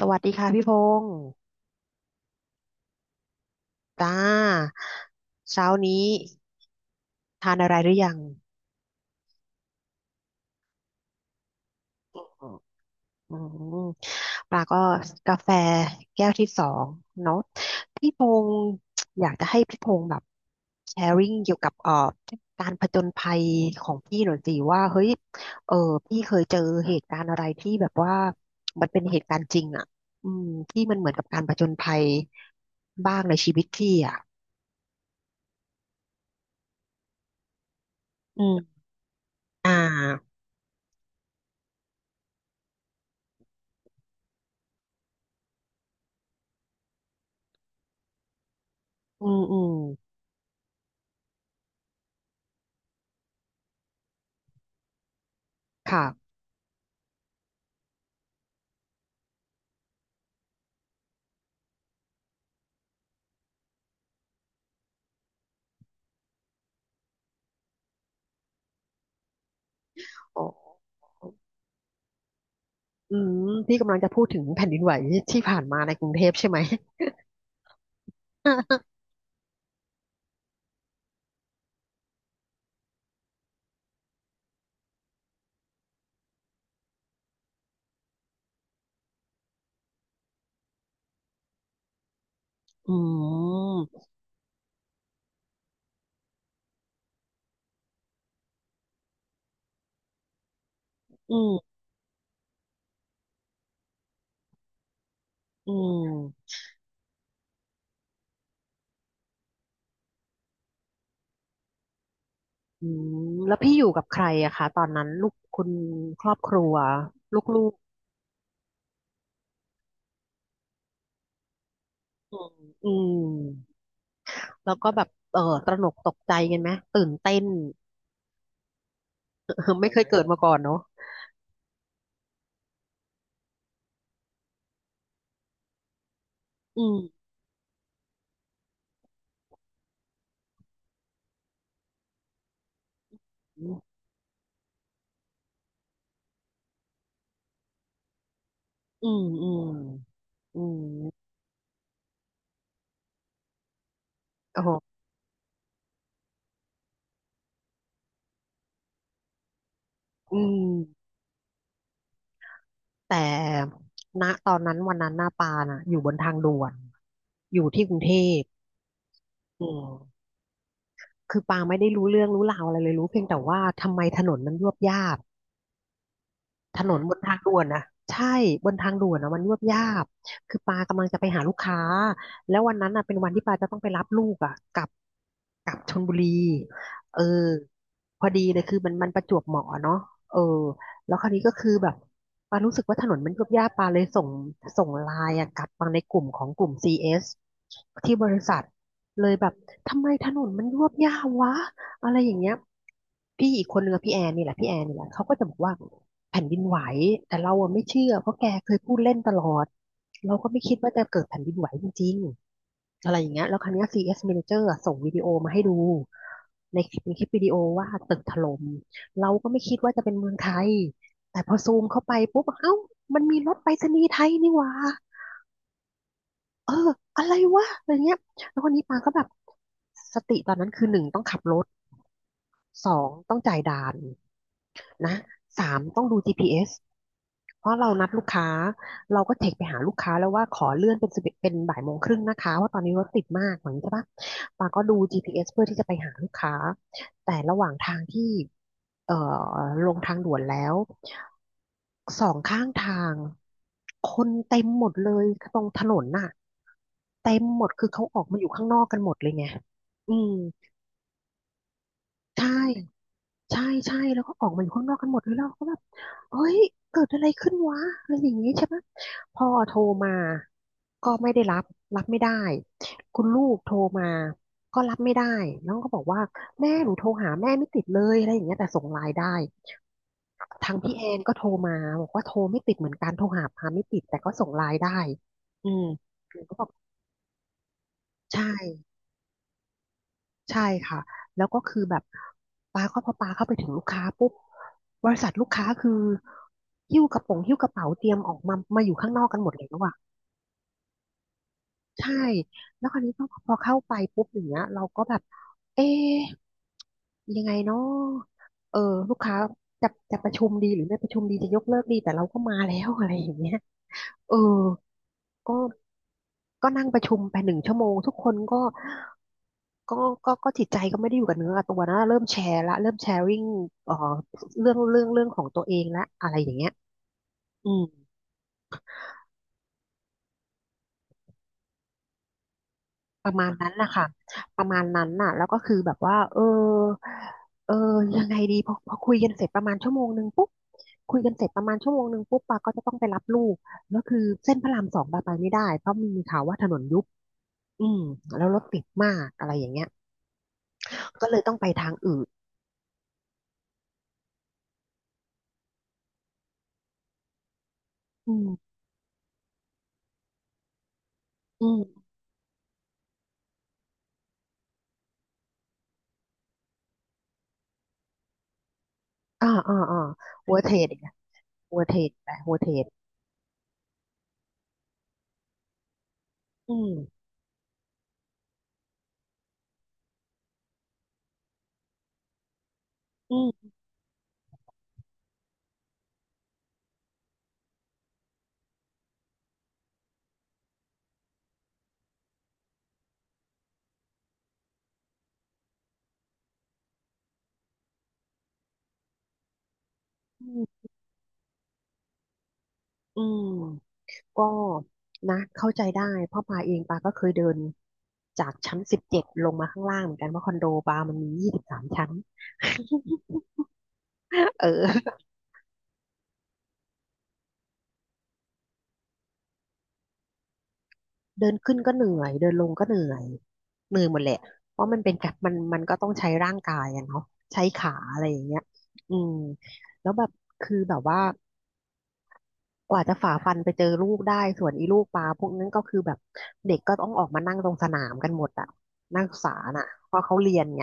สวัสดีค่ะพี่พงศ์จ้าเช้านี้ทานอะไรหรือยังอืมปลาก็กาแฟแก้วที่สองเนาะพี่พงศ์อยากจะให้พี่พงศ์แบบแชร์ริ่งเกี่ยวกับการผจญภัยของพี่หน่อยสิว่าเฮ้ยเออพี่เคยเจอเหตุการณ์อะไรที่แบบว่ามันเป็นเหตุการณ์จริงอ่ะอืมที่มันเหมือนกับการผจญภัยบ้างในชีวิตพี่อ่ะอืมอ่าอืมค่ะ อ๋ออืมพี่กำลังจะพูดถึงแผ่นดินไหวที่ผ่านมาในกรุงเทพใช่ไหม อืม อืม อืม อืม แล้วพี่อยู่กับใครอะคะตอนนั้นลูกคุณครอบครัวลูกๆอืมอืมแล้วก็แบบเออตระหนกตกใจกันไหมตื่นเต้น ไม่เคยเกิดมาก่อนเนาะอืมอืมอืมอืมโอ้โหอืมแต่ณตอนนั้นวันนั้นหน้าปาน่ะอยู่บนทางด่วนอยู่ที่กรุงเทพ อืมคือปางไม่ได้รู้เรื่องรู้ราวอะไรเลยรู้เพียงแต่ว่าทำไมถนนมันยวบยาบ ถนนบนทางด่วนนะใช่บนทางด่วนนะมันยวบยาบคือปากำลังจะไปหาลูกค้าแล้ววันนั้นอ่ะเป็นวันที่ปาจะต้องไปรับลูกอ่ะกลับชลบุรีเออพอดีเลยคือมันประจวบเหมาะอะเนาะเออแล้วคราวนี้ก็คือแบบปารู้สึกว่าถนนมันยวบยาบปาเลยส่งไลน์อ่ะกลับมาในกลุ่มของกลุ่ม c สที่บริษัทเลยแบบทำไมถนนมันยวบยาบวะอะไรอย่างเงี้ยพี่อีกคนนึงอะพี่แอนนี่แหละพี่แอนนี่แหละเขาก็จะบอกว่า แผ่นดินไหวแต่เราอะไม่เชื่อเพราะแกเคยพูดเล่นตลอดเราก็ไม่คิดว่าจะเกิดแผ่นดินไหวจริงๆอะไรอย่างเงี้ยแล้วครั้งนี้ย CS Manager อะส่งวิดีโอมาให้ดูในคลิปเป็นคลิปวิดีโอว่าตึกถล่มเราก็ไม่คิดว่าจะเป็นเมืองไทยแต่พอซูมเข้าไปปุ๊บเอ้ามันมีรถไปรษณีย์ไทยนี่หว่าเอออะไรวะอะไรเงี้ยแล้วคนนี้ปาก็แบบสติตอนนั้นคือหนึ่งต้องขับรถสองต้องจ่ายด่านนะสามต้องดูจีพีเอส เพราะเรานัดลูกค้าเราก็เทคไปหาลูกค้าแล้วว่าขอเลื่อนเป็น11เป็นบ่ายโมงครึ่งนะคะว่าะตอนนี้รถติดมากเหมือนใช่ปะปาก็ดู GPS เอสเพื่อที่จะไปหาลูกค้าแต่ระหว่างทางที่เอ่อลงทางด่วนแล้วสองข้างทางคนเต็มหมดเลยตรงถนนน่ะเต็มหมดคือเขาออกมาอยู่ข้างนอกกันหมดเลยไงอืมใช่ ใช่ใช่แล้วก็ออกมาอยู่ข้างนอกกันหมดเลยแล้วเราก็แบบเฮ้ยเกิดอะไรขึ้นวะอะไรอย่างนี้ใช่ไหมพ่อโทรมาก็ไม่ได้รับไม่ได้คุณลูกโทรมาก็รับไม่ได้น้องก็บอกว่าแม่หนูโทรหาแม่ไม่ติดเลยอะไรอย่างเงี้ยแต่ส่งไลน์ได้ทางพี่แอนก็โทรมาบอกว่าโทรไม่ติดเหมือนกันโทรหาพาไม่ติดแต่ก็ส่งไลน์ได้อืมหนูก็บอกใช่ ใช่ค่ะแล้วก็คือแบบปาเข้าพอปาเข้าไปถึงลูกค้าปุ๊บบริษัทลูกค้าคือหิ้วกระเป๋าเตรียมออกมามาอยู่ข้างนอกกันหมดแล้วอะใช่แล้วคราวนี้พอเข้าไปปุ๊บอย่างเงี้ยเราก็แบบเอ๊ะยังไงเนาะเออลูกค้าจะประชุมดีหรือไม่ประชุมดีจะยกเลิกดีแต่เราก็มาแล้วอะไรอย่างเงี้ยเออก็ก็นั่งประชุมไปหนึ่งชั่วโมงทุกคนก็ ก็ก็จิตใจก็ไม่ได้อยู่กับเนื้อกับตัวนะเริ่มแชร์ละเริ่มแชร์ริ่งเอ่อเรื่องของตัวเองละอะไรอย่างเงี้ยอืมประมาณนั้นนะคะประมาณนั้นน่ะ แล้วก็คือแบบว่าเออยังไงดีพอคุยกันเสร็จประมาณชั่วโมงหนึ่งปุ๊บคุยกันเสร็จประมาณชั่วโมงหนึ่งปุ๊บปาก็จะต้องไปรับลูกแล้วคือเส้นพระรามสองปาไปไม่ได้เพราะมีข่าวว่าถนนยุบอืมแล้วรถติดมากอะไรอย่างเงี้ยก็เลยต้องไปทางอื่นอืมอืมอ่าอ่าอ่าหัวเทรดอีกแล้วหัวเทรดไปหัวเทรด อืมอืม อืม อืม ก็นะเข้าใจได้เพราะปาเองปาก็เคยเดินจากชั้น17ลงมาข้างล่างเหมือนกันเพราะคอนโดปามันมี23ชั้น เออเดินขึ้นก็เหนื่อยเดินลงก็เหนื่อยเหนื่อยหมดแหละเพราะมันเป็นการมันก็ต้องใช้ร่างกายอะเนาะใช้ขาอะไรอย่างเงี้ยอืมแล้วแบบคือแบบว่า กว่าจะฝ่าฟันไปเจอลูกได้ส่วนอีลูกปลาพวกนั้นก็คือแบบเด็กก็ต้องออกมานั่งตรงสนามกันหมดอะนักศึกษาน่ะเพราะเขาเรียนไง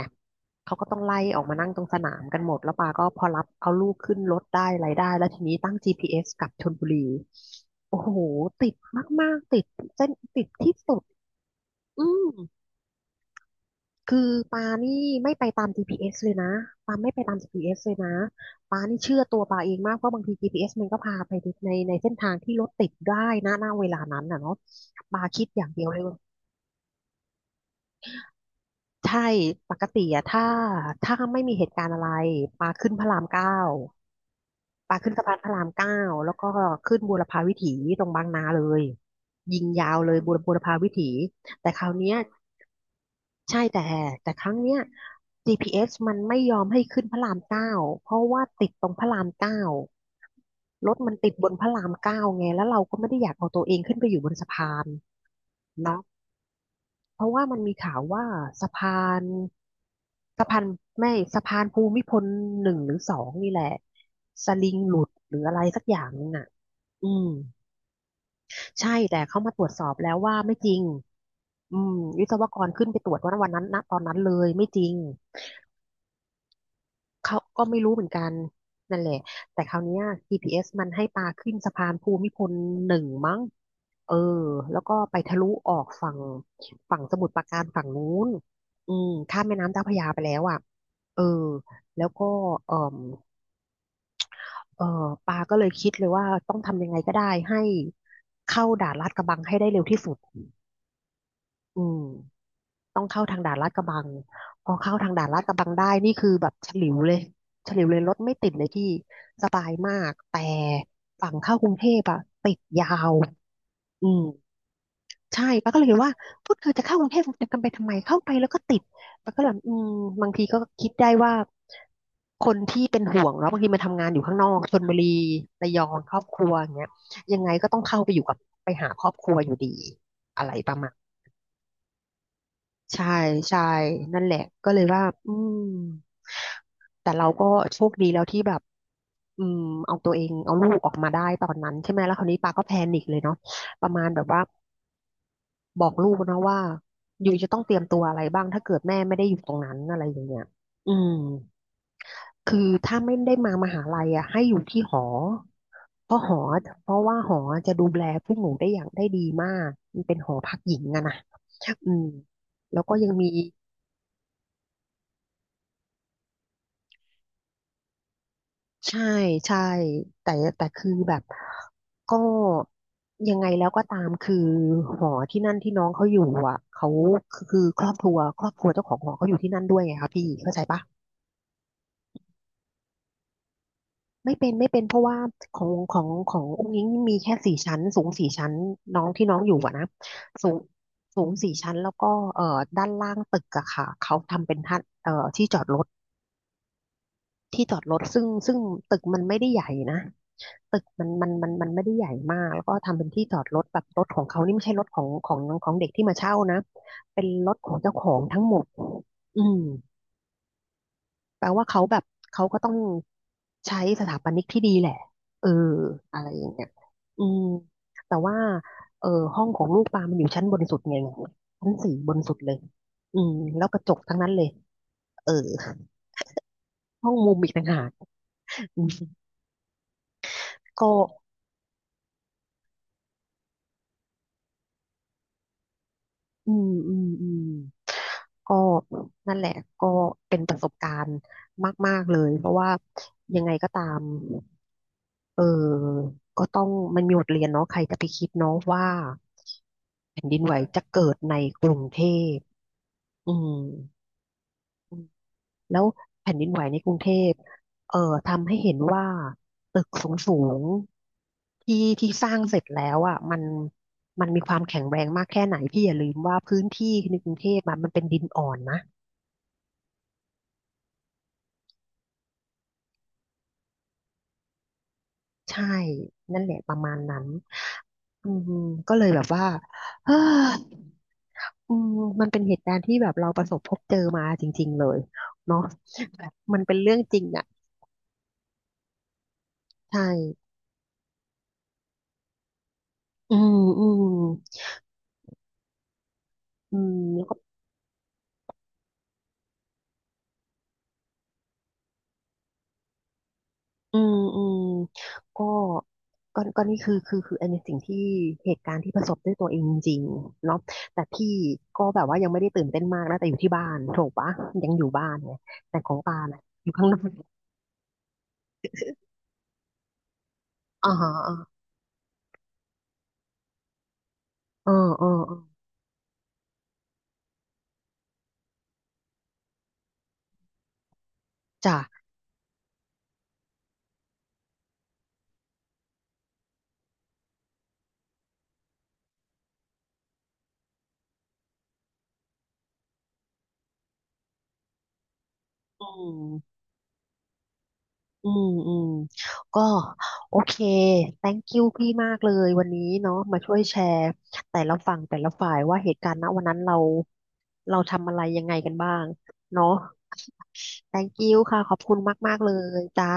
เขาก็ต้องไล่ออกมานั่งตรงสนามกันหมดแล้วปาก็พอรับเอาลูกขึ้นรถได้อะไรได้แล้วทีนี้ตั้ง GPS กลับชลบุรีโอ้โหติดมากๆติดเส้นติดที่สุดอืม คือปานี่ไม่ไปตาม GPS เอสเลยนะปาไม่ไปตาม GPS เอสเลยนะปานี่เชื่อตัวปาเองมากเพราะบางที GPS มันก็พาไปในเส้นทางที่รถติดได้นะณเวลานั้นน่ะเนาะปาคิดอย่างเดียวเลยว่าใช่ปกติอะถ้าไม่มีเหตุการณ์อะไรปาขึ้นพระรามเก้าปาขึ้นสะพานพระรามเก้าแล้วก็ขึ้นบูรพาวิถีตรงบางนาเลยยิงยาวเลยบูรพาวิถีแต่คราวเนี้ย ใช่แต่ครั้งเนี้ย GPS มันไม่ยอมให้ขึ้นพระรามเก้าเพราะว่าติดตรงพระรามเก้ารถมันติดบนพระรามเก้าไงแล้วเราก็ไม่ได้อยากเอาตัวเองขึ้นไปอยู่บนสะพานเนาะเพราะว่ามันมีข่าวว่าสะพานสะพานไม่สะพานภูมิพลหนึ่งหรือสองนี่แหละสลิงหลุดหรืออะไรสักอย่างนึงน่ะอืมใช่แต่เขามาตรวจสอบแล้วว่าไม่จริงอืมวิศวกรขึ้นไปตรวจวันนั้นนะตอนนั้นเลยไม่จริง เขาก็ไม่รู้เหมือนกันนั่นแหละแต่คราวเนี้ย GPS มันให้ปาขึ้นสะพานภูมิพลหนึ่งมั้งเออแล้วก็ไปทะลุออกฝั่งฝั่งสมุทรปราการฝั่งนู้นอืมข้ามแม่น้ำเจ้าพระยาไปแล้วอ่ะเออแล้วก็เออเออปาก็เลยคิดเลยว่าต้องทำยังไงก็ได้ให้เข้าด่านลาดกระบังให้ได้เร็วที่สุดอืม ต้องเข้าทางด่านลาดกระบังพอเข้าทางด่านลาดกระบังได้นี่คือแบบฉลิวเลยฉลิวเลยรถไม่ติดเลยพี่สบายมากแต่ฝั่งเข้ากรุงเทพอะติดยาวอืมใช่ป้าก็เลยเห็นว่าพูดคือจะเข้ากรุงเทพจะกันไปทำไมเข้าไปแล้วก็ติดป้าก็เลยอืมบางทีก็คิดได้ว่าคนที่เป็นห่วงเนาะบางทีมาทำงานอยู่ข้างนอกชลบุรีระยองครอบครัวอย่างเงี้ยยังไงก็ต้องเข้าไปอยู่กับไปหาครอบครัวอยู่ดีอะไรประมาณ ใช่ใช่นั่นแหละก็เลยว่าอืมแต่เราก็โชคดีแล้วที่แบบอืมเอาตัวเองเอาลูกออกมาได้ตอนนั้นใช่ไหมแล้วคราวนี้ปาก็แพนิคเลยเนาะประมาณแบบว่าบอกลูกนะว่าอยู่จะต้องเตรียมตัวอะไรบ้างถ้าเกิดแม่ไม่ได้อยู่ตรงนั้นอะไรอย่างเงี้ยอืมคือถ้าไม่ได้มามหาลัยอ่ะให้อยู่ที่หอเพราะหอเพราะว่าหอจะดูแลพวกหนูได้อย่างได้ดีมากมันเป็นหอพักหญิงอะนะอืมแล้วก็ยังมี ใช่ใช่แต่แต่คือแบบก็ยังไงแล้วก็ตามคือหอที่นั่นที่น้องเขาอยู่อ่ะเขาคือครอบครัวเจ้าของหอเขาอยู่ที่นั่นด้วยไงคะพี่เข้าใจปะไม่เป็นเพราะว่าของอุ้งอิ๊งมีแค่สี่ชั้นสูงสี่ชั้นน้องที่น้องอยู่อะนะสูงสูงสี่ชั้นแล้วก็ด้านล่างตึกอะค่ะเขาทำเป็นท่าที่จอดรถ ที่จอดรถซึ่งตึกมันไม่ได้ใหญ่นะตึกมันไม่ได้ใหญ่มากแล้วก็ทำเป็นที่จอดรถแบบรถของเขานี่ไม่ใช่รถของเด็กที่มาเช่านะเป็นรถของเจ้าของทั้งหมดอืมแปลว่าเขาแบบเขาก็ต้องใช้สถาปนิกที่ดีแหละเอออะไรอย่างเงี้ยอืมแต่ว่าเออห้องของลูกปลามันอยู่ชั้นบนสุดไงชั้นสี่บนสุดเลยอืมแล้วกระจกทั้งนั้นเลยเออห้องมุมอีกต่างหากอืมก็ อืมอืมอืมก็นั่นแหละก็เป็นประสบการณ์มากๆเลยเพราะว่ายังไงก็ตามเออก็ต้องมันมีบทเรียนเนาะใครจะไปคิดเนาะว่าแผ่นดินไหวจะเกิดในกรุงเทพอืมอืมแล้วแผ่นดินไหวในกรุงเทพเอ่อทำให้เห็นว่าตึกสูงสูงที่ที่สร้างเสร็จแล้วอ่ะมันมีความแข็งแรงมากแค่ไหนพี่อย่าลืมว่าพื้นที่ในกรุงเทพอะมันเป็นดินอ่อนนะ ใช่นั่นแหละประมาณนั้นอืมก็เลยแบบว่า เอออืมมันเป็นเหตุการณ์ที่แบบเราประสบพบเจอมาจริงๆเลยเนาะแบบมันเป็นเรื่องจริงอ่ะใช่อืมอืมอืมแล้วก็อืมอืมก็ก็นี่คืออันนี้สิ่งที่เหตุการณ์ที่ประสบด้วยตัวเองจริงๆเนาะแต่พี่ก็แบบว่ายังไม่ได้ตื่นเต้นมากนะแต่อยู่ที่บ้านถูกปะยังอยู่บ้านไงแต่ของปาน่ะอยู่ข้างนอกอ่าฮะอ่าเออเออเออจ้ะ อืมอืมอืมก็โอเค thank you พี่มากเลยวันนี้เนาะมาช่วยแชร์ แต่ละฝั่งแต่ละฝ่ายว่าเหตุการณ์ณวันนั้นเราทำอะไรยังไงกันบ้างเนาะ thank you ค่ะขอบคุณมากๆเลยจ้า